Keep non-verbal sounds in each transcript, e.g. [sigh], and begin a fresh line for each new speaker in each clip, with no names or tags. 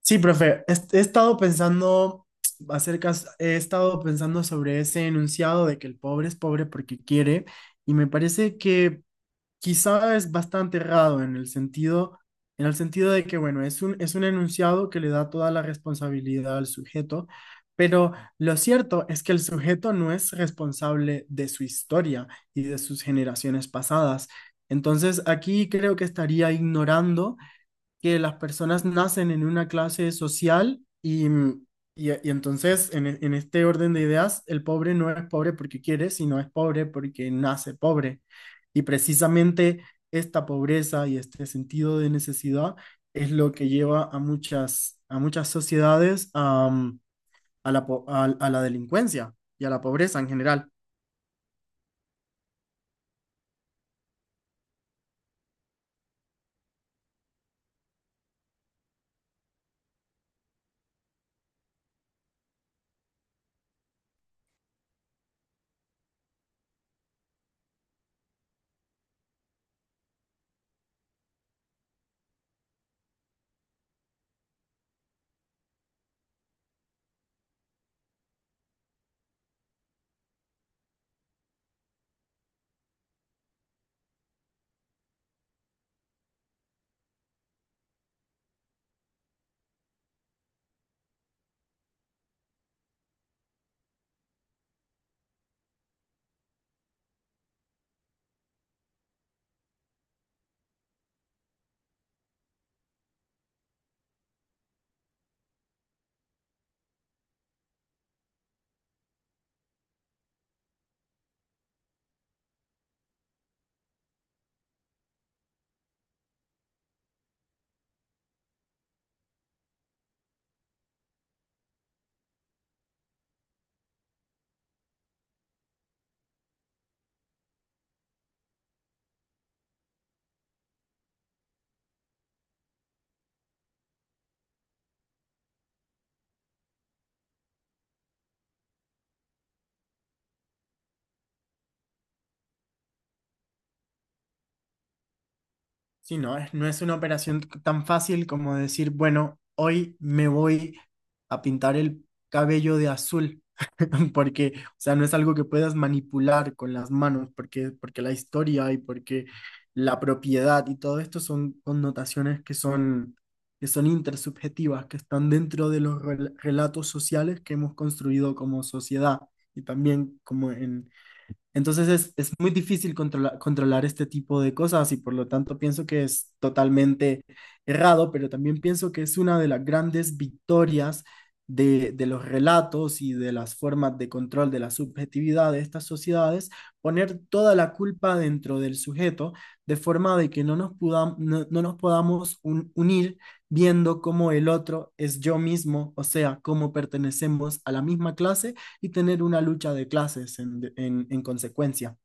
Sí, profe, he estado pensando acerca, he estado pensando sobre ese enunciado de que el pobre es pobre porque quiere, y me parece que quizá es bastante errado en el sentido de que, bueno, es un enunciado que le da toda la responsabilidad al sujeto, pero lo cierto es que el sujeto no es responsable de su historia y de sus generaciones pasadas. Entonces, aquí creo que estaría ignorando que las personas nacen en una clase social y y entonces en este orden de ideas el pobre no es pobre porque quiere, sino es pobre porque nace pobre. Y precisamente esta pobreza y este sentido de necesidad es lo que lleva a a muchas sociedades a a la delincuencia y a la pobreza en general. Sí, no es una operación tan fácil como decir, bueno, hoy me voy a pintar el cabello de azul, [laughs] porque, o sea, no es algo que puedas manipular con las manos, porque la historia y porque la propiedad y todo esto son connotaciones que son intersubjetivas, que están dentro de los relatos sociales que hemos construido como sociedad y también como entonces es muy difícil controlar este tipo de cosas y por lo tanto pienso que es totalmente errado, pero también pienso que es una de las grandes victorias de los relatos y de las formas de control de la subjetividad de estas sociedades, poner toda la culpa dentro del sujeto de forma de que no nos podamos unir viendo cómo el otro es yo mismo, o sea, cómo pertenecemos a la misma clase y tener una lucha de clases en, en consecuencia.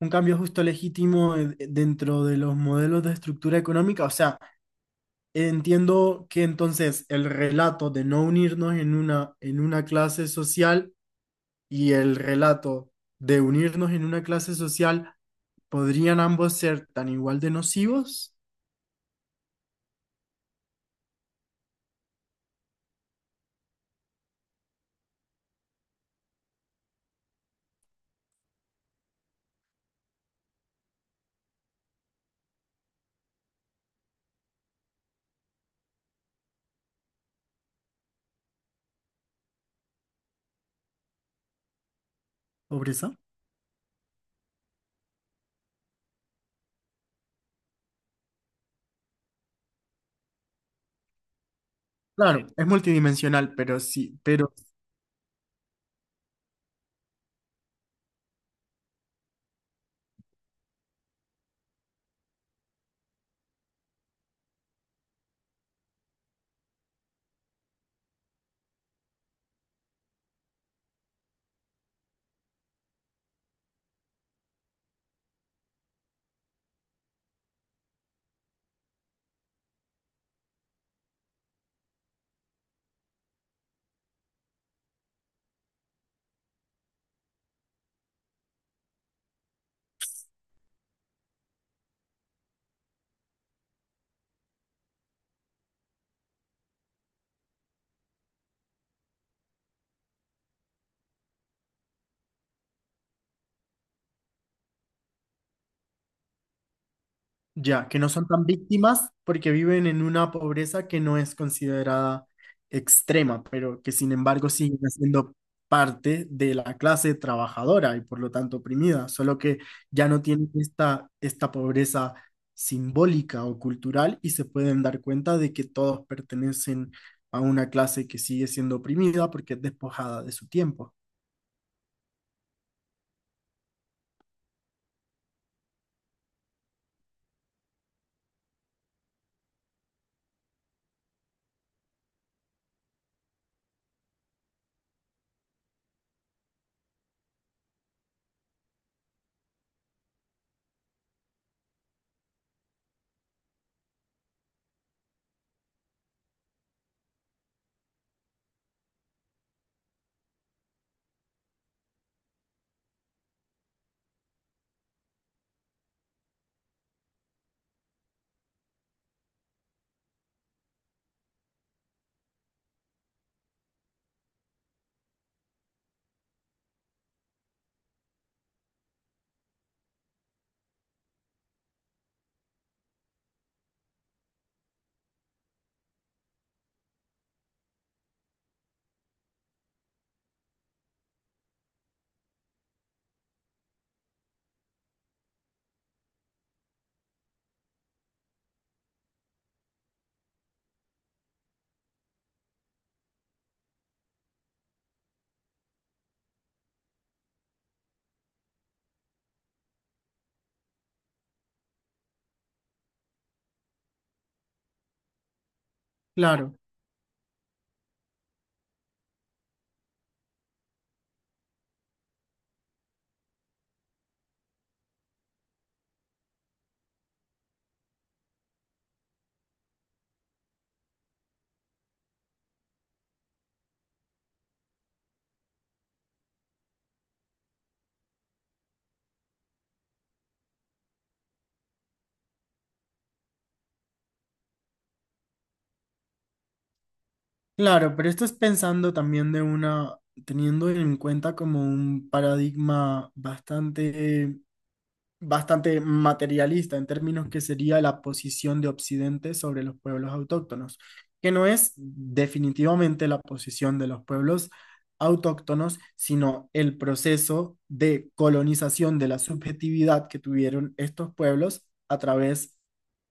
Un cambio justo legítimo dentro de los modelos de estructura económica. O sea, entiendo que entonces el relato de no unirnos en una clase social y el relato de unirnos en una clase social podrían ambos ser tan igual de nocivos. Pobreza. Claro, es multidimensional, pero sí, pero ya, que no son tan víctimas porque viven en una pobreza que no es considerada extrema, pero que sin embargo siguen siendo parte de la clase trabajadora y por lo tanto oprimida, solo que ya no tienen esta pobreza simbólica o cultural y se pueden dar cuenta de que todos pertenecen a una clase que sigue siendo oprimida porque es despojada de su tiempo. Claro. Claro, pero esto es pensando también de una, teniendo en cuenta como un paradigma bastante bastante materialista en términos que sería la posición de Occidente sobre los pueblos autóctonos, que no es definitivamente la posición de los pueblos autóctonos, sino el proceso de colonización de la subjetividad que tuvieron estos pueblos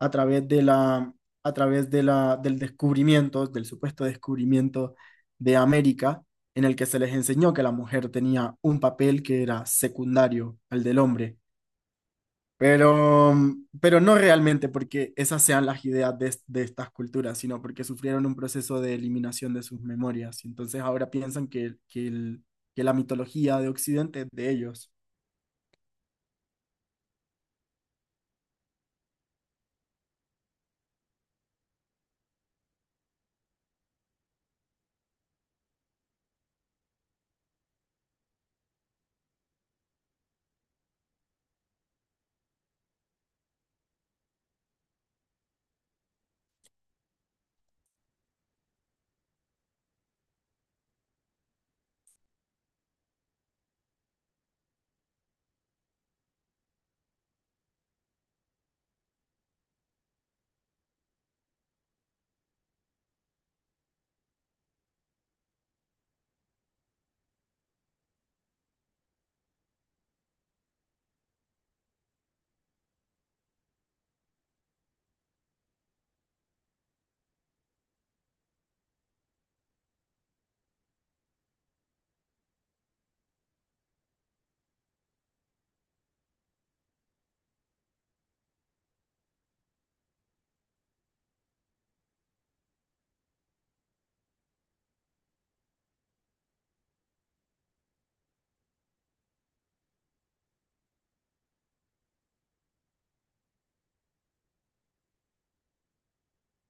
a través de a través de del descubrimiento, del supuesto descubrimiento de América, en el que se les enseñó que la mujer tenía un papel que era secundario al del hombre pero, pero no realmente porque esas sean las ideas de, de estas culturas, sino porque sufrieron un proceso de eliminación de sus memorias. Y entonces ahora piensan que la mitología de Occidente es de ellos.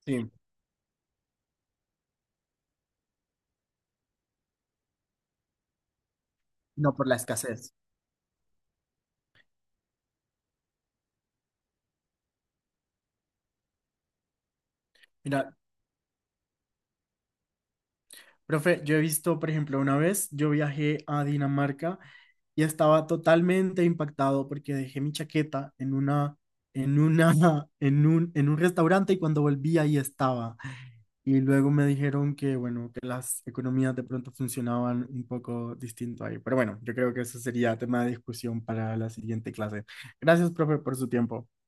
Sí, no por la escasez. Mira, profe, yo he visto, por ejemplo, una vez yo viajé a Dinamarca y estaba totalmente impactado porque dejé mi chaqueta en una, [laughs] en un restaurante y cuando volví ahí estaba. Y luego me dijeron que, bueno, que las economías de pronto funcionaban un poco distinto ahí. Pero bueno, yo creo que eso sería tema de discusión para la siguiente clase. Gracias, profe, por su tiempo.